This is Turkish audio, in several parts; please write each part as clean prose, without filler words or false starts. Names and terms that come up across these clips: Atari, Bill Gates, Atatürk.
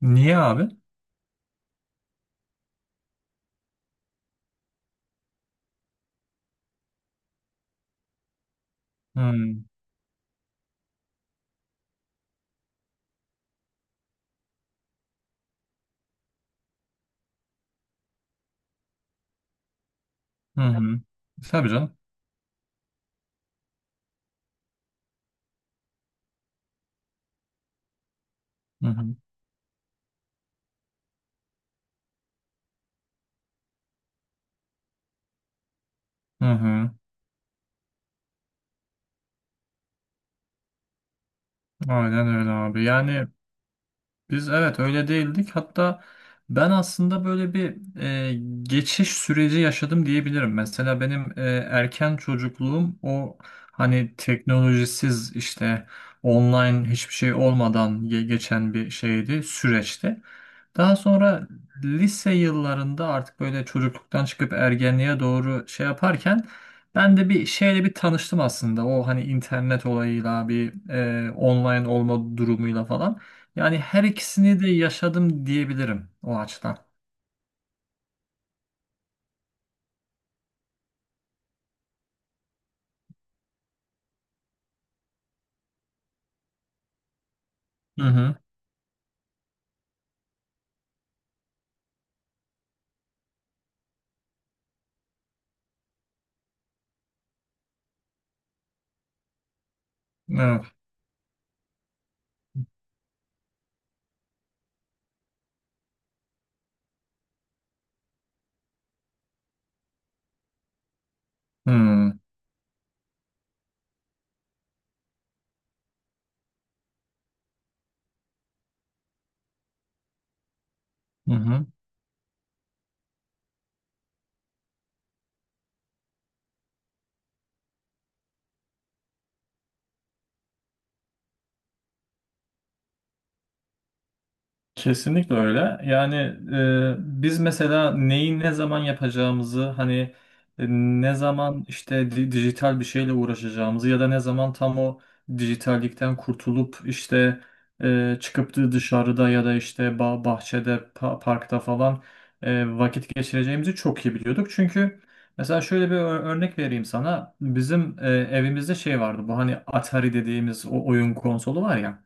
Niye abi? Hmm. Hı hı. Tabii canım. Hı hı. Hı hı. Aynen öyle abi. Yani biz evet öyle değildik. Hatta ben aslında böyle bir geçiş süreci yaşadım diyebilirim. Mesela benim erken çocukluğum o hani teknolojisiz, işte online hiçbir şey olmadan geçen bir şeydi, süreçti. Daha sonra lise yıllarında artık böyle çocukluktan çıkıp ergenliğe doğru şey yaparken ben de bir şeyle bir tanıştım aslında. O hani internet olayıyla bir online olma durumuyla falan. Yani her ikisini de yaşadım diyebilirim o açıdan. Hı hı. Evet. Hı hı. Kesinlikle öyle. Yani biz mesela neyi ne zaman yapacağımızı, hani ne zaman işte dijital bir şeyle uğraşacağımızı ya da ne zaman tam o dijitallikten kurtulup işte çıkıp da dışarıda ya da işte bahçede, parkta falan vakit geçireceğimizi çok iyi biliyorduk. Çünkü mesela şöyle bir örnek vereyim sana. Bizim evimizde şey vardı, bu hani Atari dediğimiz o oyun konsolu var ya.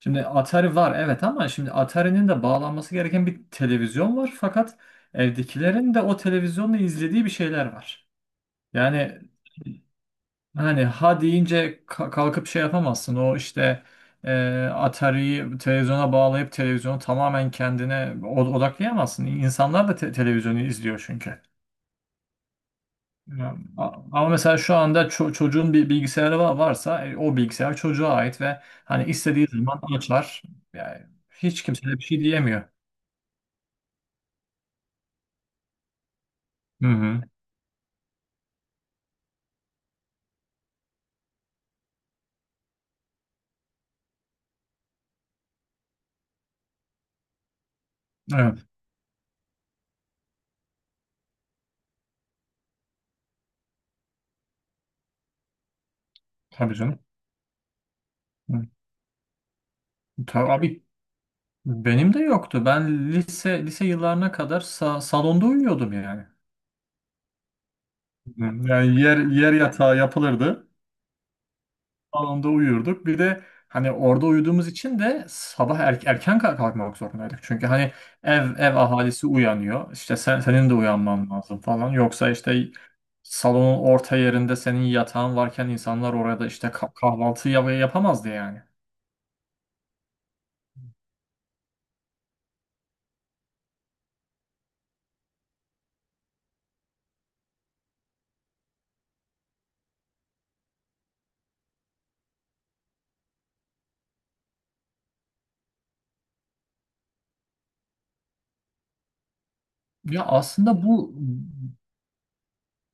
Şimdi Atari var, evet, ama şimdi Atari'nin de bağlanması gereken bir televizyon var, fakat evdekilerin de o televizyonla izlediği bir şeyler var. Yani hani ha deyince kalkıp şey yapamazsın, o işte e, Atari'yi televizyona bağlayıp televizyonu tamamen kendine odaklayamazsın. İnsanlar da televizyonu izliyor çünkü. Ya, ama mesela şu anda çocuğun bir bilgisayarı varsa o bilgisayar çocuğa ait ve hani istediği zaman açar. Yani hiç kimse de bir şey diyemiyor. Hı hı. Evet, tabii canım. Hı. Tabii benim de yoktu. Ben lise yıllarına kadar salonda uyuyordum yani. Hı, yani yer yer yatağı yapılırdı, anında uyuyorduk. Bir de hani orada uyuduğumuz için de sabah erken kalkmak zorundaydık. Çünkü hani ev ahalisi uyanıyor. İşte sen, senin de uyanman lazım falan. Yoksa işte salonun orta yerinde senin yatağın varken insanlar orada işte kahvaltı yapamazdı yani. Ya aslında bu,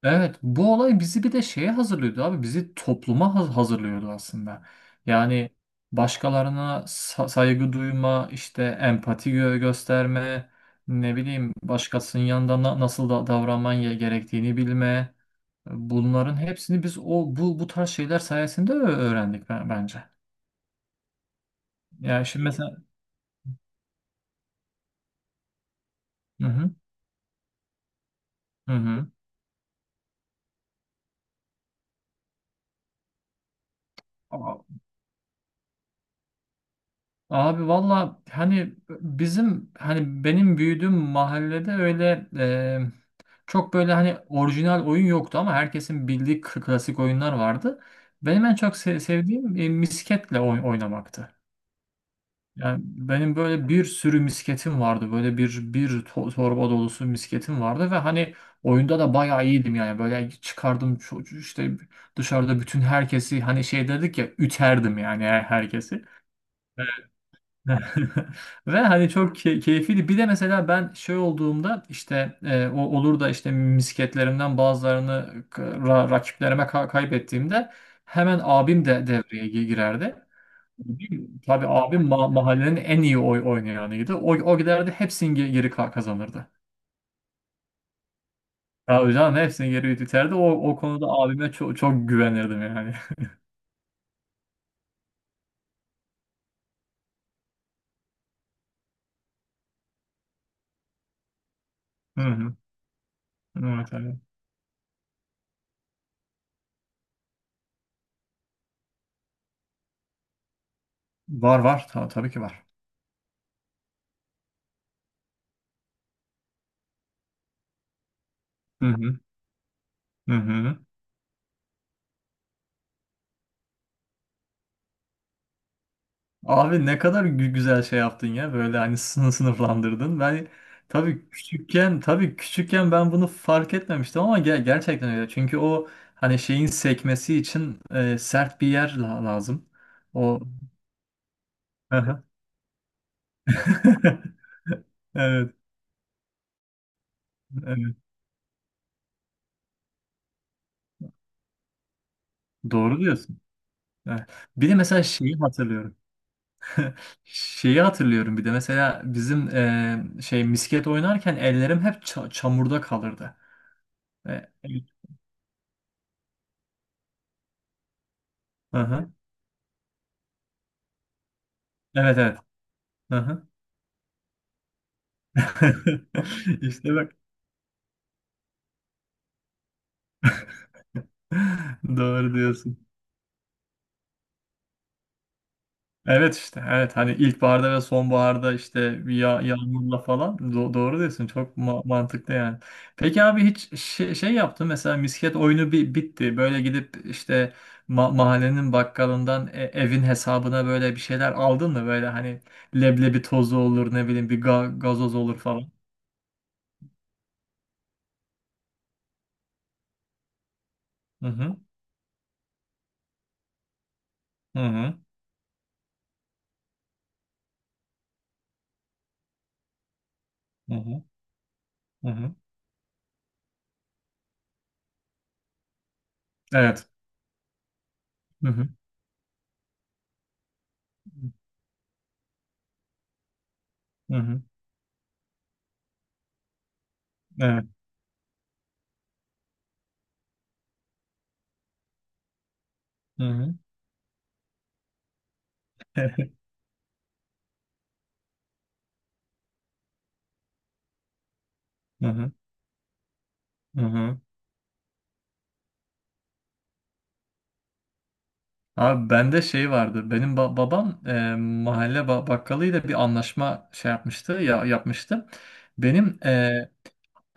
evet, bu olay bizi bir de şeye hazırlıyordu abi. Bizi topluma hazırlıyordu aslında. Yani başkalarına saygı duyma, işte empati gösterme, ne bileyim başkasının yanında nasıl da davranman gerektiğini bilme. Bunların hepsini biz o bu tarz şeyler sayesinde öğrendik bence. Yani şimdi mesela. Hı hı. Hı hı. Abi valla, hani bizim, hani benim büyüdüğüm mahallede öyle çok böyle hani orijinal oyun yoktu ama herkesin bildiği klasik oyunlar vardı. Benim en çok sevdiğim misketle oynamaktı. Yani benim böyle bir sürü misketim vardı. Böyle bir torba dolusu misketim vardı ve hani oyunda da bayağı iyiydim yani. Böyle çıkardım çocuğu, işte dışarıda bütün herkesi, hani şey dedik ya, üterdim yani herkesi. Ve hani çok keyifliydi. Bir de mesela ben şey olduğumda, işte o olur da işte misketlerimden bazılarını rakiplerime kaybettiğimde, hemen abim de devreye girerdi. Tabii abim mahallenin en iyi oynayanıydı. O, o giderdi hepsini geri kazanırdı. Tabii canım, hepsini geri iterdi. O, o konuda abime çok, çok güvenirdim yani. Hı hı. Evet, evet. Var, var, tabii ki var. Hı hı. Hı hı. Abi ne kadar güzel şey yaptın ya, böyle hani sınıflandırdın. Ben tabii küçükken ben bunu fark etmemiştim ama gerçekten öyle. Çünkü o hani şeyin sekmesi için sert bir yer lazım. O aha. Evet, evet. Doğru diyorsun. Evet. Bir de mesela şeyi hatırlıyorum. Şeyi hatırlıyorum, bir de mesela bizim şey misket oynarken ellerim hep çamurda kalırdı. E, Hı hı. Evet, evet. Hı hı. İşte bak. Doğru diyorsun. Evet, işte evet, hani ilkbaharda ve sonbaharda, işte bir ya yağmurla falan, doğru diyorsun, çok mantıklı yani. Peki abi, hiç şey, şey yaptın mesela, misket oyunu bi bitti, böyle gidip işte mahallenin bakkalından evin hesabına böyle bir şeyler aldın mı, böyle hani leblebi tozu olur, ne bileyim bir gazoz olur falan. Hı hı. Hı hı. Hı hı. Hı hı. Evet. Hı hı. Hı hı. Evet. Hı hı. Hı hı. Hı hı. Abi bende şey vardı. Benim babam mahalle bakkalıyla bir anlaşma şey yapmıştı ya, yapmıştı. Benim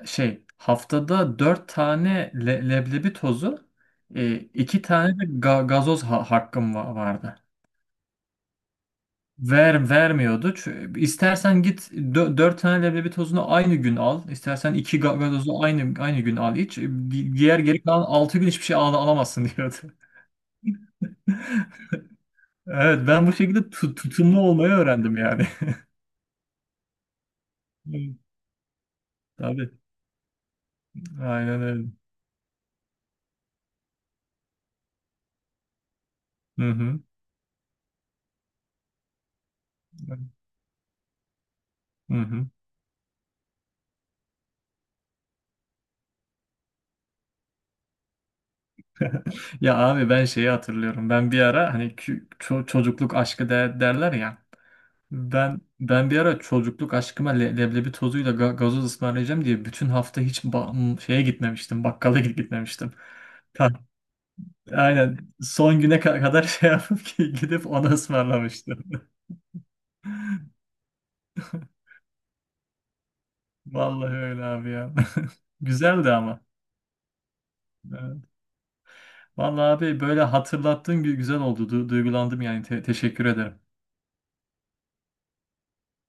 şey, haftada dört tane leblebi tozu, iki tane de gazoz hakkım vardı. Vermiyordu. Çünkü istersen git, dört tane leblebi tozunu aynı gün al. İstersen iki gazozu aynı gün al, iç. Diğer geri kalan 6 gün hiçbir şey alamazsın, diyordu. Evet, ben bu şekilde tutumlu olmayı öğrendim yani. Hı, tabii. Aynen öyle. Hı hı. Hı hı. Ya abi, ben şeyi hatırlıyorum. Ben bir ara, hani çocukluk aşkı derler ya. Ben bir ara çocukluk aşkıma leblebi tozuyla gazoz ısmarlayacağım diye bütün hafta hiç şeye gitmemiştim. Bakkala gitmemiştim. Ta- Aynen son güne kadar şey yapıp ki gidip onu ısmarlamıştım. Vallahi öyle abi ya. Güzeldi ama. Vallahi abi, böyle hatırlattığın güzel oldu. Duygulandım yani. Teşekkür ederim.